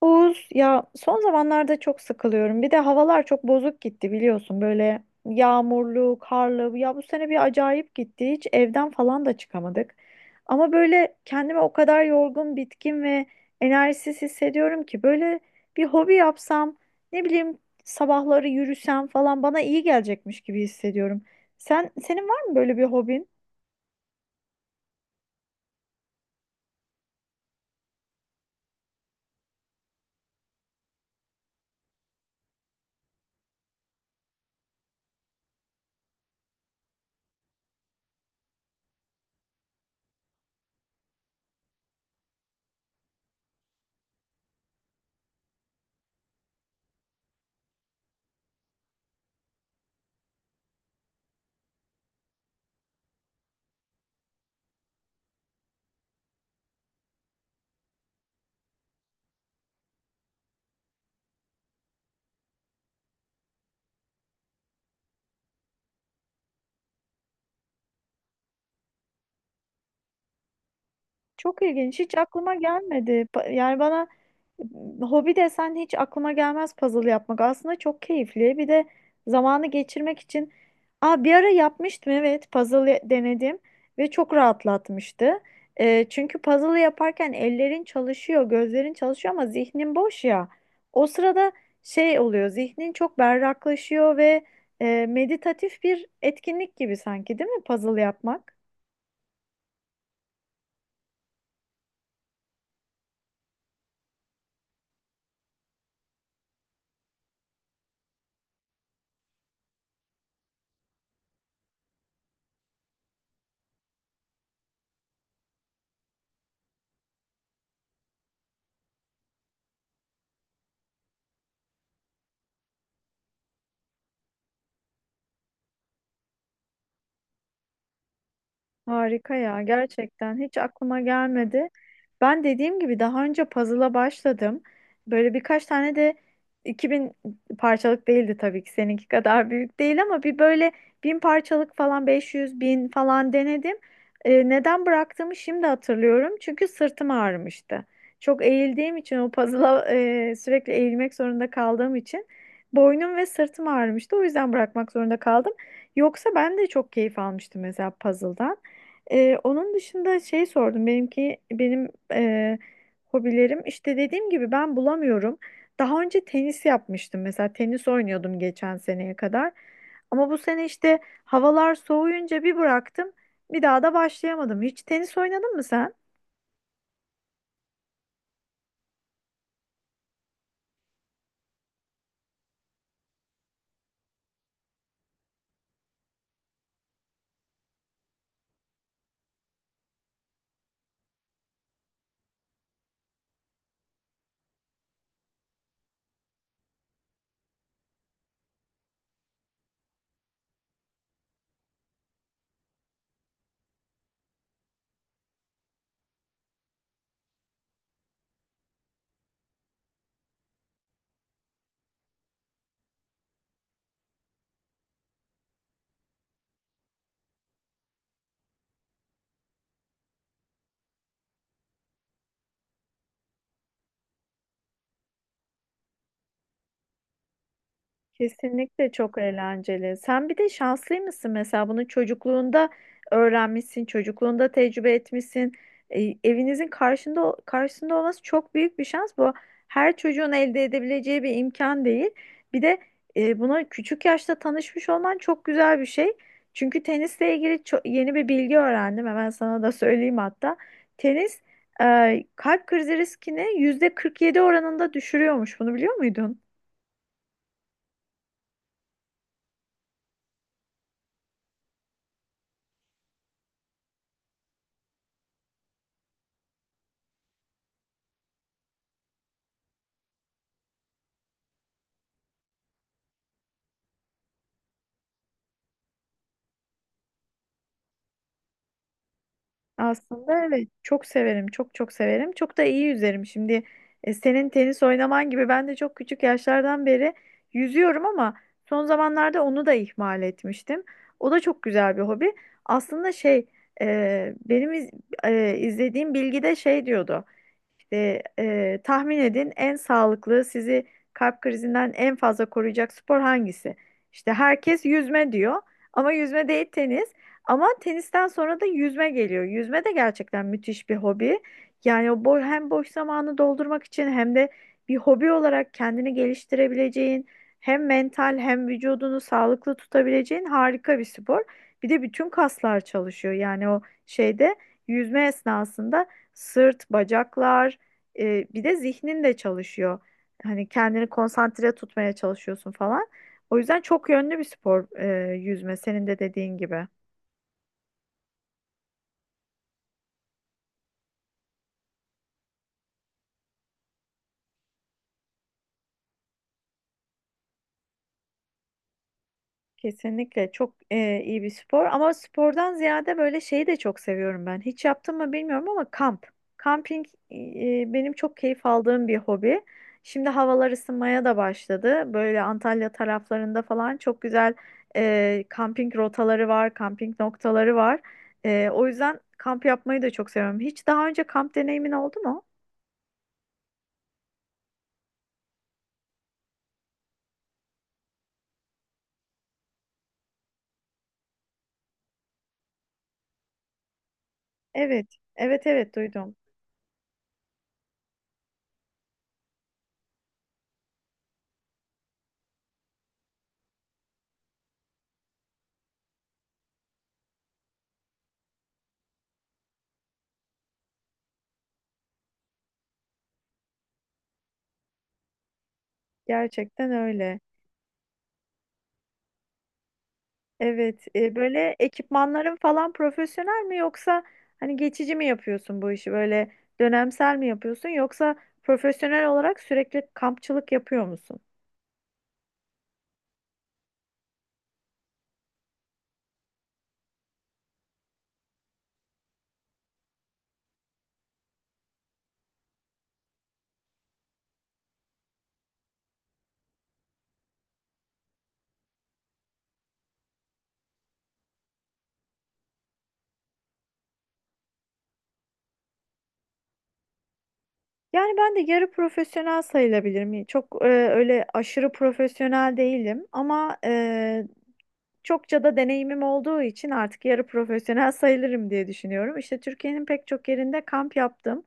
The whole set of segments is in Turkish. Oğuz, ya son zamanlarda çok sıkılıyorum. Bir de havalar çok bozuk gitti, biliyorsun. Böyle yağmurlu, karlı. Ya bu sene bir acayip gitti. Hiç evden falan da çıkamadık. Ama böyle kendimi o kadar yorgun, bitkin ve enerjisiz hissediyorum ki böyle bir hobi yapsam, ne bileyim, sabahları yürüsem falan bana iyi gelecekmiş gibi hissediyorum. Senin var mı böyle bir hobin? Çok ilginç. Hiç aklıma gelmedi. Yani bana hobi desen hiç aklıma gelmez puzzle yapmak. Aslında çok keyifli. Bir de zamanı geçirmek için. Aa, bir ara yapmıştım, evet. Denedim ve çok rahatlatmıştı. Çünkü puzzle yaparken ellerin çalışıyor, gözlerin çalışıyor ama zihnin boş ya. O sırada şey oluyor. Zihnin çok berraklaşıyor ve meditatif bir etkinlik gibi sanki, değil mi puzzle yapmak? Harika ya, gerçekten hiç aklıma gelmedi. Ben dediğim gibi daha önce puzzle'a başladım. Böyle birkaç tane de 2000 parçalık değildi tabii ki, seninki kadar büyük değil ama bir böyle 1000 parçalık falan, 500 bin falan denedim. Neden bıraktığımı şimdi hatırlıyorum. Çünkü sırtım ağrımıştı. Çok eğildiğim için o puzzle'a sürekli eğilmek zorunda kaldığım için boynum ve sırtım ağrımıştı. O yüzden bırakmak zorunda kaldım. Yoksa ben de çok keyif almıştım mesela puzzle'dan. Onun dışında şey sordum. Benim hobilerim, işte dediğim gibi, ben bulamıyorum. Daha önce tenis yapmıştım mesela, tenis oynuyordum geçen seneye kadar. Ama bu sene işte havalar soğuyunca bir bıraktım. Bir daha da başlayamadım. Hiç tenis oynadın mı sen? Kesinlikle çok eğlenceli. Sen bir de şanslı mısın mesela, bunu çocukluğunda öğrenmişsin, çocukluğunda tecrübe etmişsin. E, evinizin karşısında olması çok büyük bir şans. Bu her çocuğun elde edebileceği bir imkan değil. Bir de buna küçük yaşta tanışmış olman çok güzel bir şey. Çünkü tenisle ilgili yeni bir bilgi öğrendim. Hemen sana da söyleyeyim hatta. Tenis kalp krizi riskini yüzde %47 oranında düşürüyormuş. Bunu biliyor muydun? Aslında evet, çok severim, çok çok severim, çok da iyi yüzerim. Şimdi senin tenis oynaman gibi ben de çok küçük yaşlardan beri yüzüyorum ama son zamanlarda onu da ihmal etmiştim. O da çok güzel bir hobi aslında. Şey, e, benim iz- izlediğim bilgide şey diyordu işte, tahmin edin, en sağlıklı, sizi kalp krizinden en fazla koruyacak spor hangisi? İşte herkes yüzme diyor ama yüzme değil, tenis. Ama tenisten sonra da yüzme geliyor. Yüzme de gerçekten müthiş bir hobi. Yani o hem boş zamanı doldurmak için hem de bir hobi olarak kendini geliştirebileceğin, hem mental hem vücudunu sağlıklı tutabileceğin harika bir spor. Bir de bütün kaslar çalışıyor. Yani o şeyde, yüzme esnasında sırt, bacaklar, bir de zihnin de çalışıyor. Hani kendini konsantre tutmaya çalışıyorsun falan. O yüzden çok yönlü bir spor yüzme, senin de dediğin gibi. Kesinlikle çok iyi bir spor ama spordan ziyade böyle şeyi de çok seviyorum ben. Hiç yaptım mı bilmiyorum ama kamp. Kamping, benim çok keyif aldığım bir hobi. Şimdi havalar ısınmaya da başladı. Böyle Antalya taraflarında falan çok güzel kamping rotaları var, kamping noktaları var. E, o yüzden kamp yapmayı da çok seviyorum. Hiç daha önce kamp deneyimin oldu mu? Evet, evet, duydum. Gerçekten öyle. Evet, böyle ekipmanların falan profesyonel mi, yoksa hani geçici mi yapıyorsun bu işi, böyle dönemsel mi yapıyorsun, yoksa profesyonel olarak sürekli kampçılık yapıyor musun? Yani ben de yarı profesyonel sayılabilirim. Çok öyle aşırı profesyonel değilim ama çokça da deneyimim olduğu için artık yarı profesyonel sayılırım diye düşünüyorum. İşte Türkiye'nin pek çok yerinde kamp yaptım.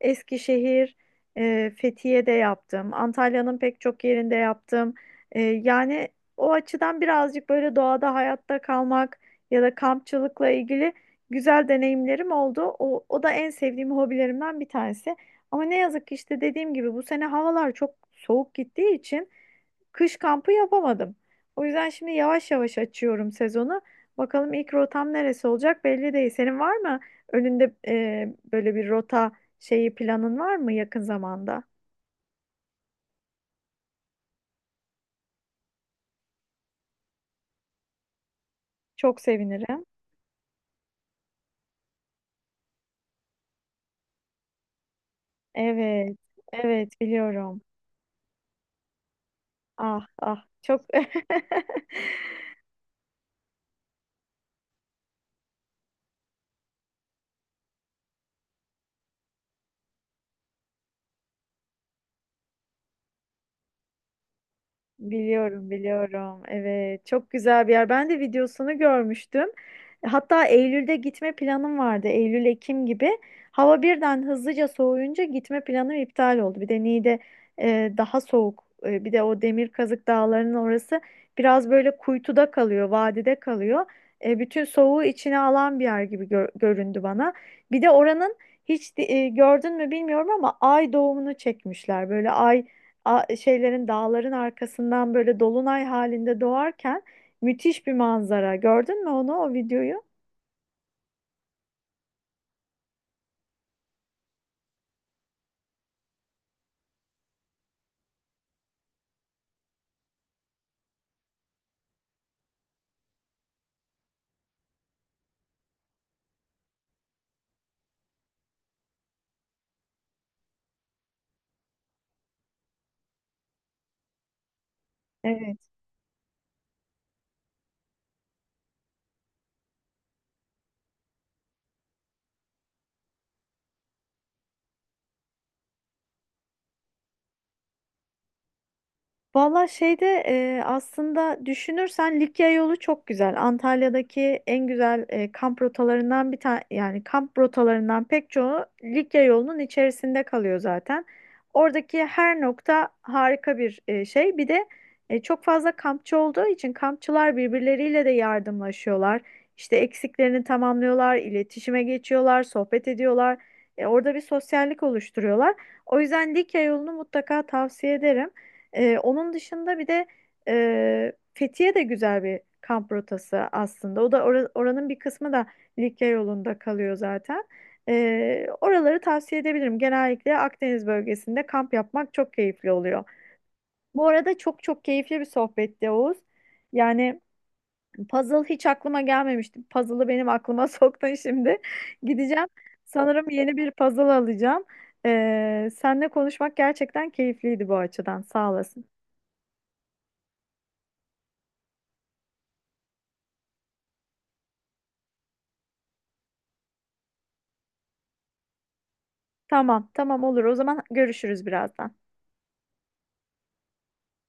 Eskişehir, Fethiye'de yaptım. Antalya'nın pek çok yerinde yaptım. E, yani o açıdan birazcık böyle doğada hayatta kalmak ya da kampçılıkla ilgili güzel deneyimlerim oldu. O da en sevdiğim hobilerimden bir tanesi. Ama ne yazık ki işte dediğim gibi bu sene havalar çok soğuk gittiği için kış kampı yapamadım. O yüzden şimdi yavaş yavaş açıyorum sezonu. Bakalım ilk rotam neresi olacak belli değil. Senin var mı önünde böyle bir rota şeyi, planın var mı yakın zamanda? Çok sevinirim. Evet, evet biliyorum. Ah ah, çok biliyorum, biliyorum. Evet, çok güzel bir yer. Ben de videosunu görmüştüm. Hatta Eylül'de gitme planım vardı. Eylül, Ekim gibi. Hava birden hızlıca soğuyunca gitme planım iptal oldu. Bir de Niğde daha soğuk. E, bir de o Demirkazık Dağları'nın orası biraz böyle kuytuda kalıyor, vadide kalıyor. E, bütün soğuğu içine alan bir yer gibi göründü bana. Bir de oranın hiç gördün mü bilmiyorum ama ay doğumunu çekmişler. Böyle şeylerin, dağların arkasından böyle dolunay halinde doğarken müthiş bir manzara. Gördün mü onu, o videoyu? Evet. Valla şeyde, aslında düşünürsen Likya yolu çok güzel. Antalya'daki en güzel kamp rotalarından bir tane, yani kamp rotalarından pek çoğu Likya yolunun içerisinde kalıyor zaten. Oradaki her nokta harika bir şey. Bir de çok fazla kampçı olduğu için kampçılar birbirleriyle de yardımlaşıyorlar. İşte eksiklerini tamamlıyorlar, iletişime geçiyorlar, sohbet ediyorlar. E, orada bir sosyallik oluşturuyorlar. O yüzden Likya yolunu mutlaka tavsiye ederim. Onun dışında bir de Fethiye de güzel bir kamp rotası aslında. Oranın bir kısmı da Likya yolunda kalıyor zaten. Oraları tavsiye edebilirim. Genellikle Akdeniz bölgesinde kamp yapmak çok keyifli oluyor. Bu arada çok çok keyifli bir sohbetti, Oğuz. Yani puzzle hiç aklıma gelmemişti. Puzzle'ı benim aklıma soktun şimdi. Gideceğim. Sanırım yeni bir puzzle alacağım. Seninle konuşmak gerçekten keyifliydi bu açıdan. Sağ olasın. Tamam, tamam, olur. O zaman görüşürüz birazdan.